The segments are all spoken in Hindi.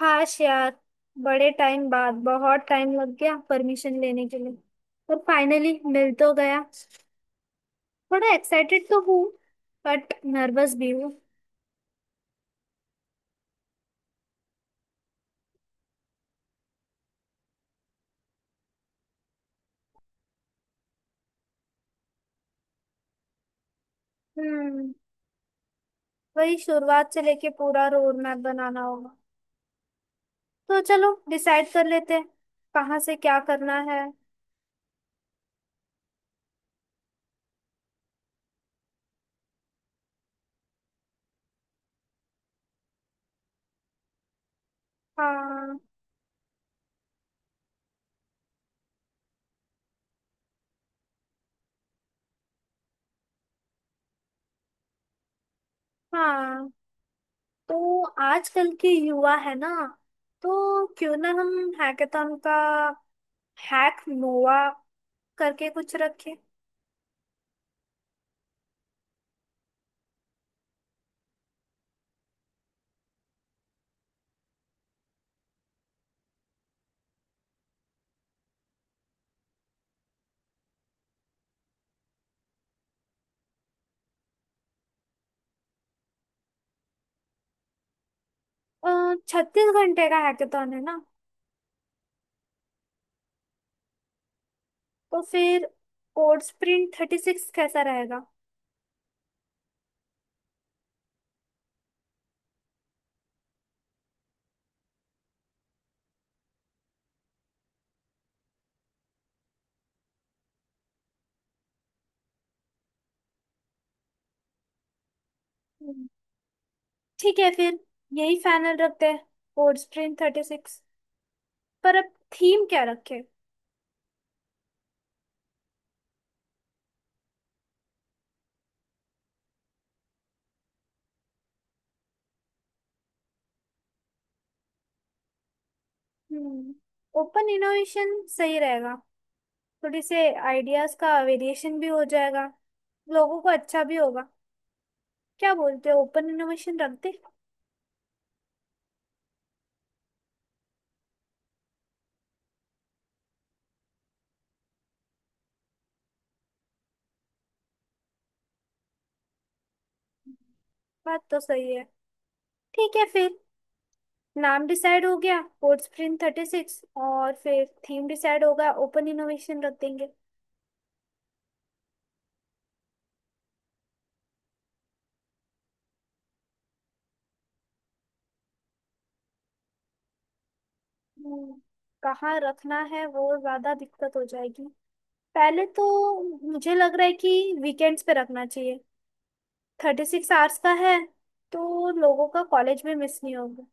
काश यार। बड़े टाइम बाद बहुत टाइम लग गया परमिशन लेने के लिए। पर फाइनली मिल तो गया। थोड़ा एक्साइटेड तो हूँ बट नर्वस भी हूँ। हम्म वही शुरुआत से लेके पूरा रोड मैप बनाना होगा। तो चलो डिसाइड कर लेते हैं कहाँ से क्या करना है। हाँ हाँ, तो आजकल के युवा है ना, तो क्यों ना हम हैकेथॉन का हैक नोवा करके कुछ रखें। 36 घंटे का हैकेथॉन है ना? तो फिर कोड स्प्रिंट थर्टी सिक्स कैसा रहेगा? हम्म। ठीक है फिर यही फाइनल रखते हैं, कोड स्प्रिंट थर्टी सिक्स। पर अब थीम क्या रखें? हम्म ओपन इनोवेशन सही रहेगा। थोड़ी से आइडियाज का वेरिएशन भी हो जाएगा, लोगों को अच्छा भी होगा। क्या बोलते हो, ओपन इनोवेशन रख दे? बात तो सही है। ठीक है फिर, नाम डिसाइड हो गया कोड स्प्रिंट थर्टी सिक्स, और फिर थीम डिसाइड होगा ओपन इनोवेशन रख देंगे। हम्म, कहाँ रखना है वो ज्यादा दिक्कत हो जाएगी। पहले तो मुझे लग रहा है कि वीकेंड्स पे रखना चाहिए। 36 आवर्स का है तो लोगों का कॉलेज में मिस नहीं होगा।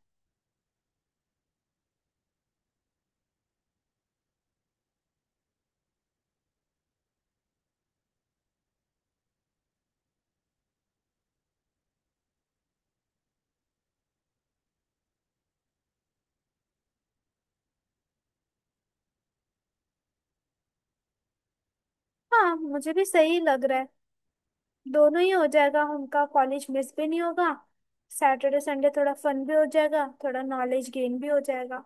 हाँ मुझे भी सही लग रहा है। दोनों ही हो जाएगा, उनका कॉलेज मिस भी नहीं होगा। सैटरडे संडे थोड़ा फन भी हो जाएगा, थोड़ा नॉलेज गेन भी हो जाएगा।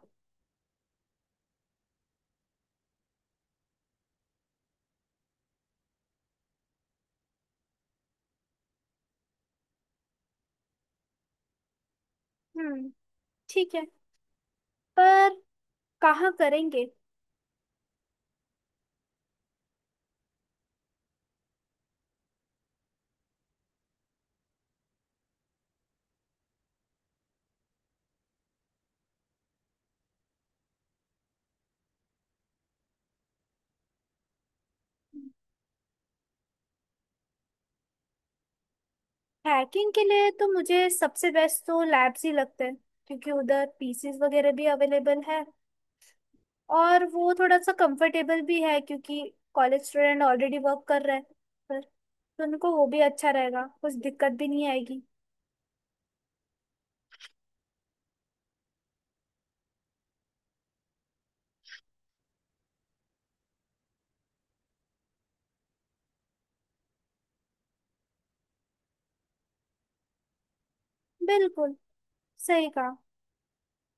हम्म ठीक है, पर कहाँ करेंगे? हैकिंग के लिए तो मुझे सबसे बेस्ट तो लैब्स ही लगते हैं, क्योंकि उधर पीसीज वगैरह भी अवेलेबल है। और वो थोड़ा सा कंफर्टेबल भी है, क्योंकि कॉलेज स्टूडेंट ऑलरेडी वर्क कर रहे हैं, पर तो उनको वो भी अच्छा रहेगा, कुछ दिक्कत भी नहीं आएगी। बिल्कुल सही कहा।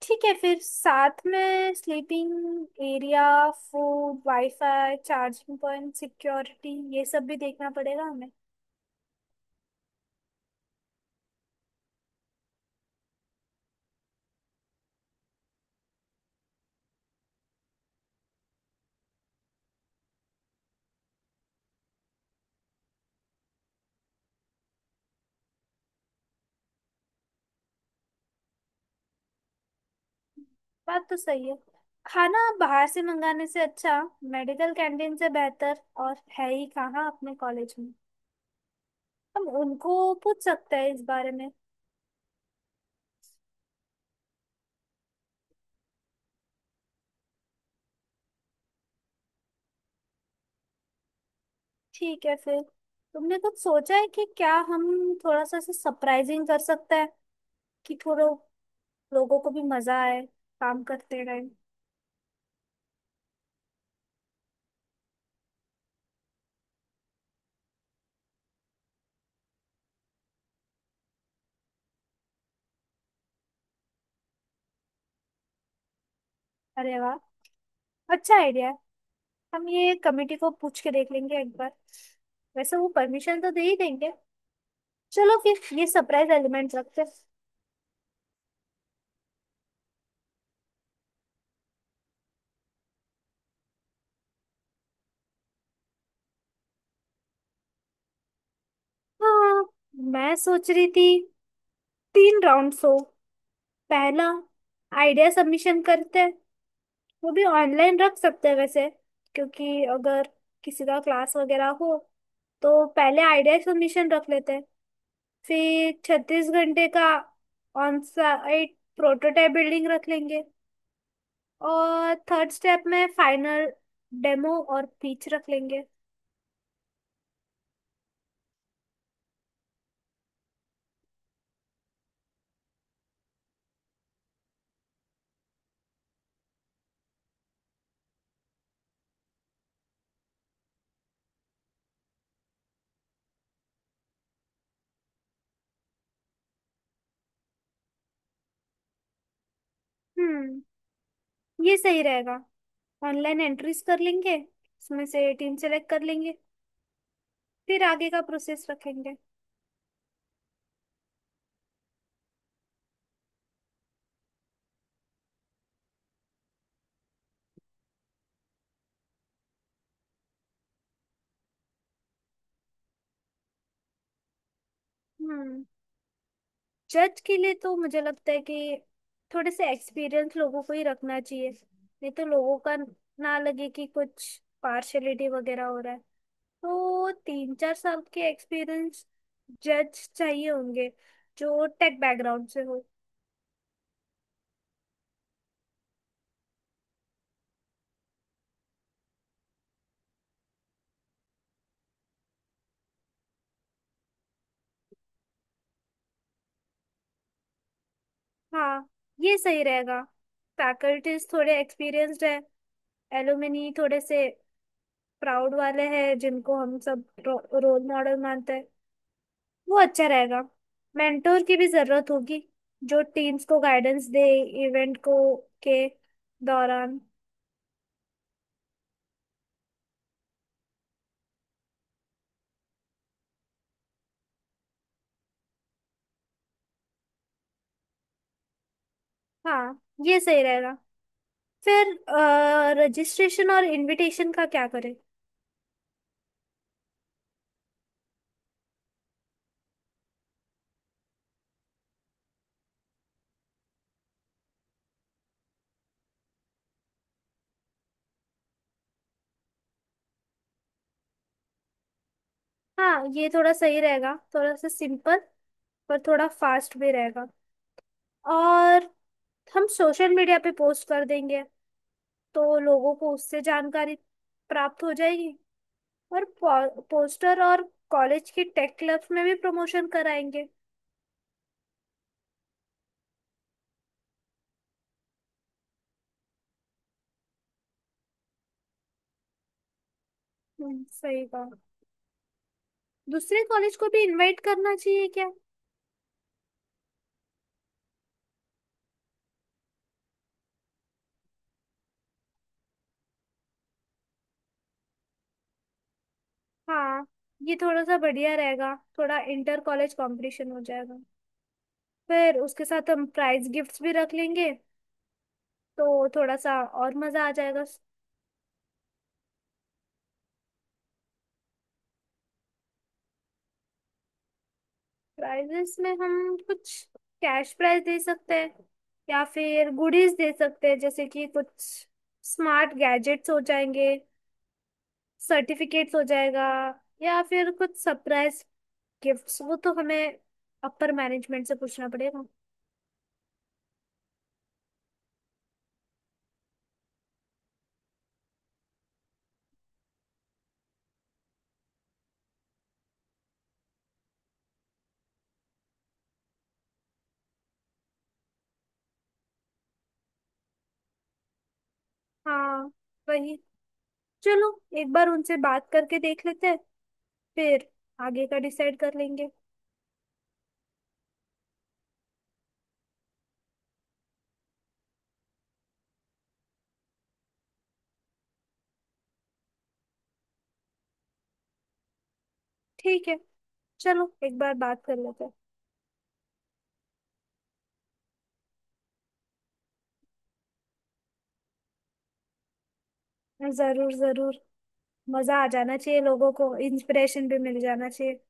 ठीक है फिर, साथ में sleeping area, food, wifi, charging point, security, ये सब भी देखना पड़ेगा। बात तो सही है। खाना बाहर से मंगाने से अच्छा मेडिकल कैंटीन से बेहतर और है ही कहाँ अपने कॉलेज में। हम उनको पूछ सकते हैं इस बारे में। ठीक है फिर, तुमने कुछ सोचा है कि क्या हम थोड़ा सा सरप्राइजिंग कर सकते हैं, कि थोड़ा लोगों को भी मजा आए काम करते टाइम? अरे वाह, अच्छा आइडिया है। हम ये कमेटी को पूछ के देख लेंगे एक बार। वैसे वो परमिशन तो दे ही देंगे। चलो फिर ये सरप्राइज एलिमेंट रखते हैं। हाँ, मैं सोच रही थी 3 राउंड्स हो। पहला, आइडिया सबमिशन करते हैं। वो भी ऑनलाइन रख सकते हैं वैसे, क्योंकि अगर किसी का क्लास वगैरह हो। तो पहले आइडिया सबमिशन रख लेते हैं, फिर 36 घंटे का ऑन साइट प्रोटोटाइप बिल्डिंग रख लेंगे, और थर्ड स्टेप में फाइनल डेमो और पिच रख लेंगे। हम्म ये सही रहेगा। ऑनलाइन एंट्रीज कर लेंगे, उसमें से टीम सेलेक्ट कर लेंगे, फिर आगे का प्रोसेस रखेंगे। हम्म जज के लिए तो मुझे लगता है कि थोड़े से एक्सपीरियंस लोगों को ही रखना चाहिए, नहीं तो लोगों का ना लगे कि कुछ पार्शलिटी वगैरह हो रहा है। तो 3-4 साल के एक्सपीरियंस जज चाहिए होंगे, जो टेक बैकग्राउंड से हो। हाँ ये सही रहेगा। फैकल्टीज थोड़े एक्सपीरियंस्ड है, एलुमनी थोड़े से प्राउड वाले हैं जिनको हम सब रोल मॉडल मानते हैं, वो अच्छा रहेगा। मेंटोर की भी जरूरत होगी, जो टीम्स को गाइडेंस दे इवेंट को के दौरान। हाँ ये सही रहेगा। फिर रजिस्ट्रेशन और इनविटेशन का क्या करें? हाँ ये थोड़ा सही रहेगा, थोड़ा सा सिंपल पर थोड़ा फास्ट भी रहेगा। और हम सोशल मीडिया पे पोस्ट कर देंगे, तो लोगों को उससे जानकारी प्राप्त हो जाएगी। और पोस्टर और कॉलेज के टेक क्लब्स में भी प्रमोशन कराएंगे। सही कहा। दूसरे कॉलेज को भी इनवाइट करना चाहिए क्या? हाँ ये थोड़ा सा बढ़िया रहेगा, थोड़ा इंटर कॉलेज कंपटीशन हो जाएगा। फिर उसके साथ हम प्राइज गिफ्ट्स भी रख लेंगे तो थोड़ा सा और मजा आ जाएगा। प्राइजेस में हम कुछ कैश प्राइज दे सकते हैं, या फिर गुडीज दे सकते हैं जैसे कि कुछ स्मार्ट गैजेट्स हो जाएंगे, सर्टिफिकेट्स हो जाएगा, या फिर कुछ सरप्राइज गिफ्ट्स। वो तो हमें अपर मैनेजमेंट से पूछना पड़ेगा। हाँ, वही। चलो एक बार उनसे बात करके देख लेते हैं, फिर आगे का डिसाइड कर लेंगे। ठीक है, चलो एक बार बात कर लेते हैं। जरूर जरूर, मजा आ जाना चाहिए, लोगों को इंस्पिरेशन भी मिल जाना चाहिए।